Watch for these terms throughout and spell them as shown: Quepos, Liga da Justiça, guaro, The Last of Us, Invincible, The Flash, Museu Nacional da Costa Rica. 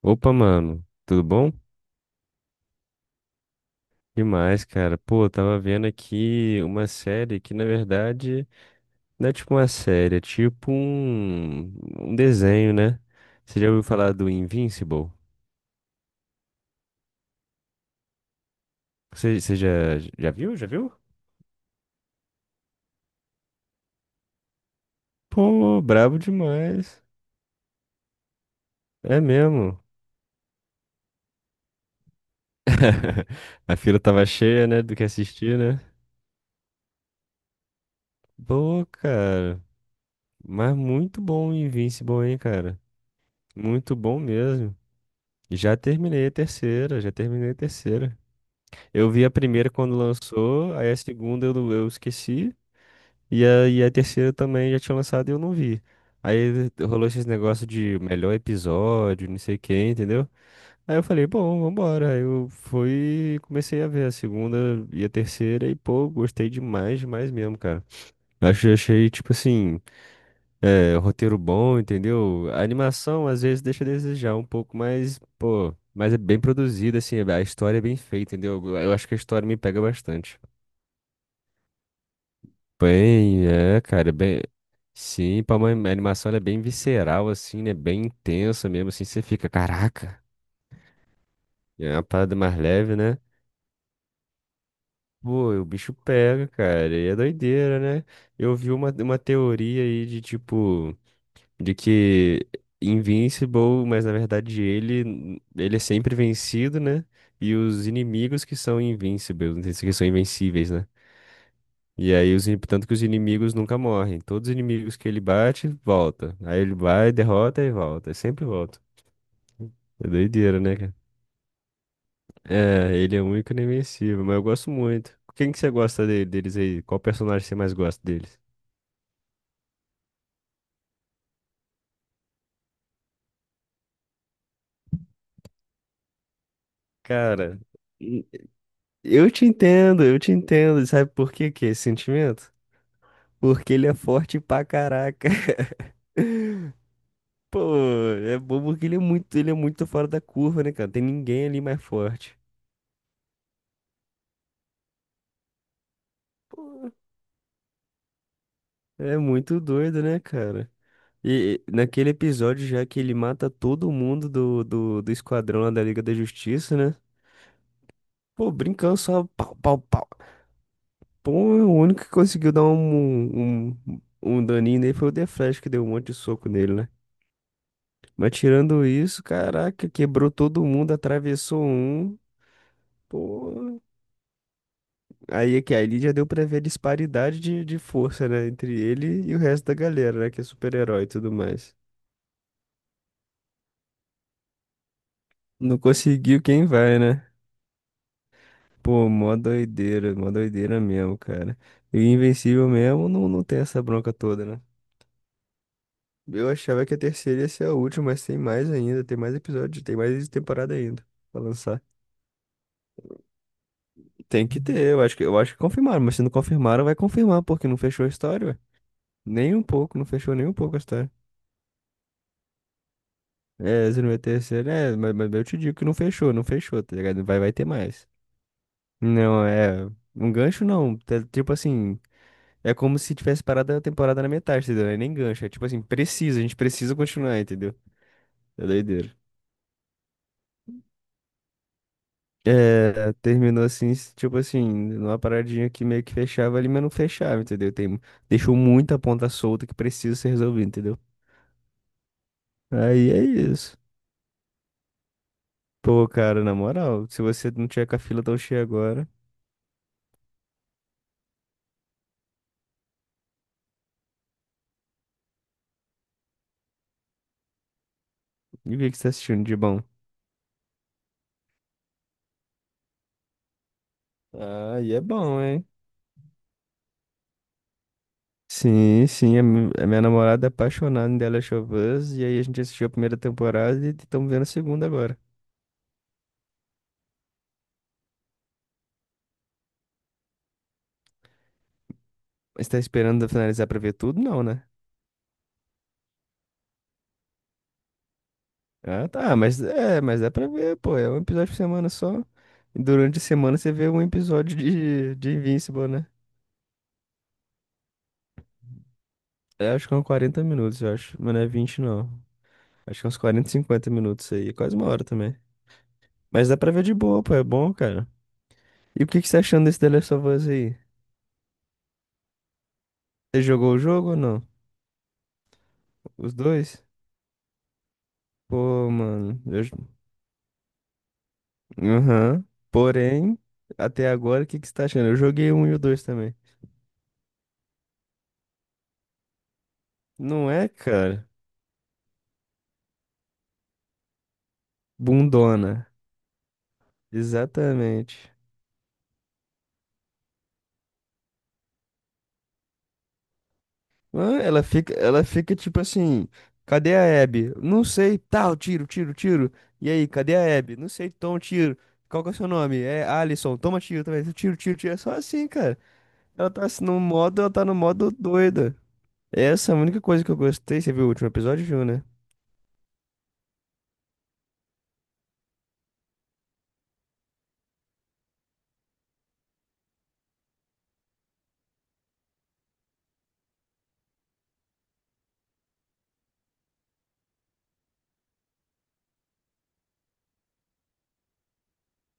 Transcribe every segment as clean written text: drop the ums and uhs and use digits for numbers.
Opa, mano, tudo bom? Demais, cara. Pô, eu tava vendo aqui uma série que, na verdade, não é tipo uma série, é tipo um desenho, né? Você já ouviu falar do Invincible? Você, você já, já viu? Já viu? Pô, brabo demais. É mesmo. A fila tava cheia, né, do que assistir, né? Pô, cara. Mas muito bom o Invincible, hein, cara? Muito bom mesmo. Já terminei a terceira, já terminei a terceira. Eu vi a primeira quando lançou, aí a segunda eu, não- eu esqueci, e a terceira também já tinha lançado e eu não vi. Aí rolou esses negócios de melhor episódio, não sei quem, entendeu? Aí eu falei, bom, vambora. Aí eu fui e comecei a ver a segunda e a terceira e, pô, gostei demais, demais mesmo, cara. Achei, achei tipo assim, é, roteiro bom, entendeu? A animação às vezes deixa a desejar um pouco, mas, pô, mas é bem produzida, assim, a história é bem feita, entendeu? Eu acho que a história me pega bastante. Bem, é, cara, bem. Sim, pra uma animação ela é bem visceral, assim, né? Bem intensa mesmo, assim, você fica, caraca, é uma parada mais leve, né? Pô, e o bicho pega, cara, e é doideira, né? Eu vi uma teoria aí de tipo, de que Invincible, mas na verdade ele é sempre vencido, né? E os inimigos que são invincibles, que são invencíveis, né? E aí, tanto que os inimigos nunca morrem. Todos os inimigos que ele bate, volta. Aí ele vai, derrota e volta. E sempre volta. É doideira, né, cara? É, ele é único e invencível, mas eu gosto muito. Quem que você gosta deles aí? Qual personagem você mais gosta deles? Cara, e- eu te entendo, eu te entendo. Sabe por que que é esse sentimento? Porque ele é forte pra caraca. Pô, é bom porque ele é muito fora da curva, né, cara? Tem ninguém ali mais forte. Pô, é muito doido, né, cara? E naquele episódio já que ele mata todo mundo do esquadrão lá da Liga da Justiça, né? Pô, brincando só pau, pau, pau. Pô, o único que conseguiu dar um daninho nele foi o The Flash, que deu um monte de soco nele, né? Mas tirando isso, caraca, quebrou todo mundo, atravessou um. Pô, aí é que ali já deu pra ver a disparidade de força, né? Entre ele e o resto da galera, né? Que é super-herói e tudo mais. Não conseguiu quem vai, né? Pô, mó doideira mesmo, cara. E Invencível mesmo não, não tem essa bronca toda, né? Eu achava que a terceira ia ser a última, mas tem mais ainda, tem mais episódios, tem mais temporada ainda pra lançar. Tem que ter, eu acho que confirmaram, mas se não confirmaram, vai confirmar, porque não fechou a história, ué. Nem um pouco, não fechou nem um pouco a história. É, se não é terceira, é, mas eu te digo que não fechou, não fechou, tá ligado? Vai, vai ter mais. Não, é. Um gancho não, tipo assim. É como se tivesse parado a temporada na metade, entendeu? É nem gancho. É tipo assim, precisa, a gente precisa continuar, entendeu? É doideira. É, terminou assim, tipo assim, numa paradinha que meio que fechava ali, mas não fechava, entendeu? Tem, deixou muita ponta solta que precisa ser resolvida, entendeu? Aí é isso. Pô, cara, na moral, se você não tiver com a fila tão cheia agora, e o que que você tá assistindo de bom? Ah, e é bom, hein? Sim, sim, a minha namorada é apaixonada em The Last of Us, e aí a gente assistiu a primeira temporada e estamos vendo a segunda agora. Mas tá esperando finalizar pra ver tudo? Não, né? Ah, tá, mas é pra ver, pô. É um episódio por semana só. E durante a semana você vê um episódio de Invincible, né? É, acho que é uns 40 minutos, eu acho. Mas não é 20 não. Acho que é uns 40, 50 minutos aí. É quase uma hora também. Mas dá pra ver de boa, pô. É bom, cara. E o que que você tá achando desse The Last of Us aí? Você jogou o jogo ou não? Os dois? Pô, mano. Aham. Porém, até agora, o que que você tá achando? Eu joguei um e o dois também. Não é, cara? Bundona. Exatamente. Ah, ela fica, ela fica tipo assim, cadê a Abby? Não sei, tal, tiro, tiro, tiro. E aí, cadê a Abby? Não sei, toma um tiro. Qual que é o seu nome? É Alisson, toma um tiro também. Tiro, tiro, tiro. É só assim, cara. Ela tá assim, no modo, ela tá no modo doida. Essa é a única coisa que eu gostei. Você viu o último episódio, viu, né?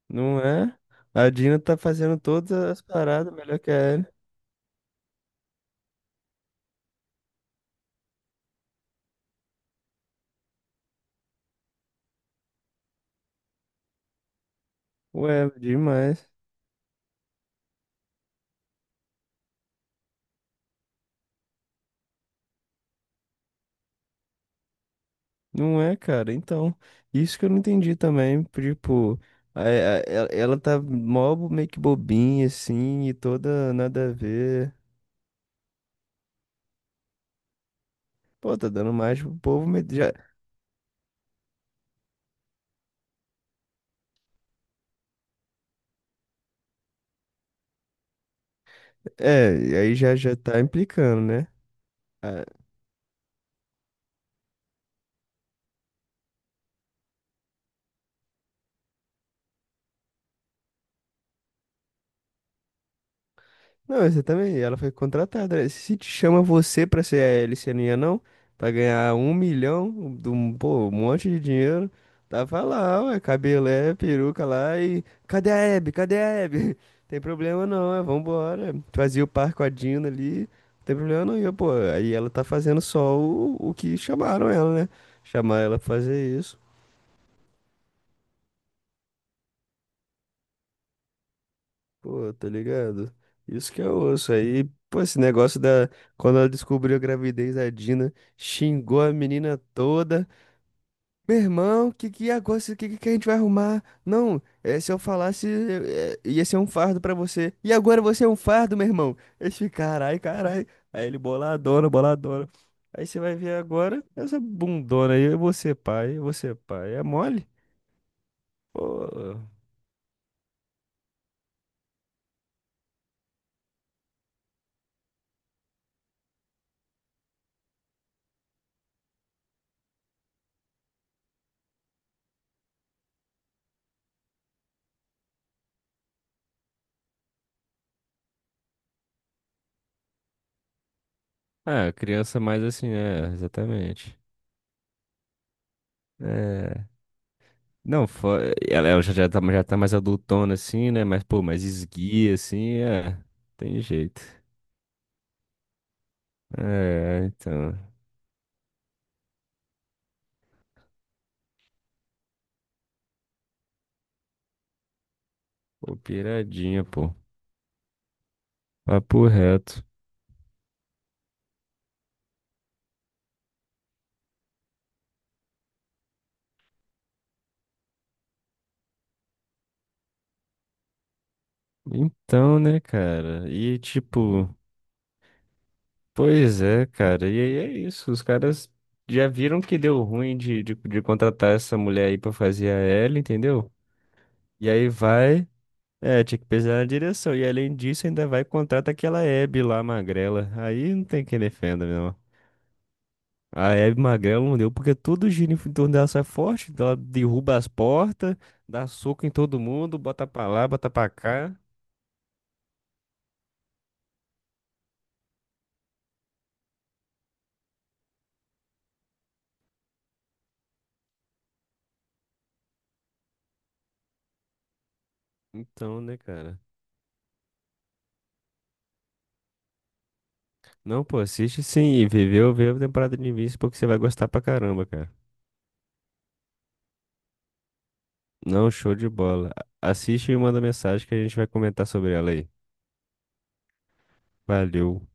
Não é? A Dina tá fazendo todas as paradas melhor que a Ellie. Ué, demais. Não é, cara. Então, isso que eu não entendi também. Tipo, a- a- ela tá mó meio que bobinha, assim, e toda nada a ver. Pô, tá dando mais pro povo. Mas já, é, e aí já já tá implicando, né? Não, exatamente. Ela foi contratada. Né? Se te chama você pra ser a Alice, não ia pra ganhar 1 milhão, de um, pô, um monte de dinheiro. Tava lá, ué, cabelé, peruca lá e... Cadê a Hebe? Cadê a Hebe? Tem problema não, ué, vambora. Fazia o par com a Dina ali, não tem problema não. E, eu, pô, aí ela tá fazendo só o que chamaram ela, né? Chamaram ela pra fazer isso. Pô, tá ligado? Isso que eu osso aí, pô, esse negócio da. Quando ela descobriu a gravidez, a Dina xingou a menina toda. Meu irmão, que é agora? O que, que a gente vai arrumar? Não, é, se eu falasse, é, é, ia ser um fardo pra você. E agora você é um fardo, meu irmão. Eles ficam, carai, carai. Aí ele boladona, boladona. Aí você vai ver agora essa bundona aí. Eu vou ser pai, eu vou ser pai. É mole? Pô. Ah, criança mais assim, é, exatamente. É. Não, fo- ela já, já tá mais adultona assim, né? Mas, pô, mais esguia assim, é. Tem jeito. É, então. Pô, piradinha, pô. Papo reto. Então, né, cara? E tipo, pois é, cara. E aí é isso. Os caras já viram que deu ruim de, de contratar essa mulher aí pra fazer a Ellie, entendeu? E aí vai. É, tinha que pesar na direção. E além disso, ainda vai e contrata aquela Hebe lá, magrela. Aí não tem quem defenda, não. A Hebe Magrela não deu, porque todo giro em torno dela sai forte, então ela derruba as portas, dá soco em todo mundo, bota pra lá, bota pra cá. Então, né, cara? Não, pô, assiste sim e viveu, vê a temporada de Invincible porque você vai gostar pra caramba, cara. Não, show de bola. Assiste e manda mensagem que a gente vai comentar sobre ela aí. Valeu.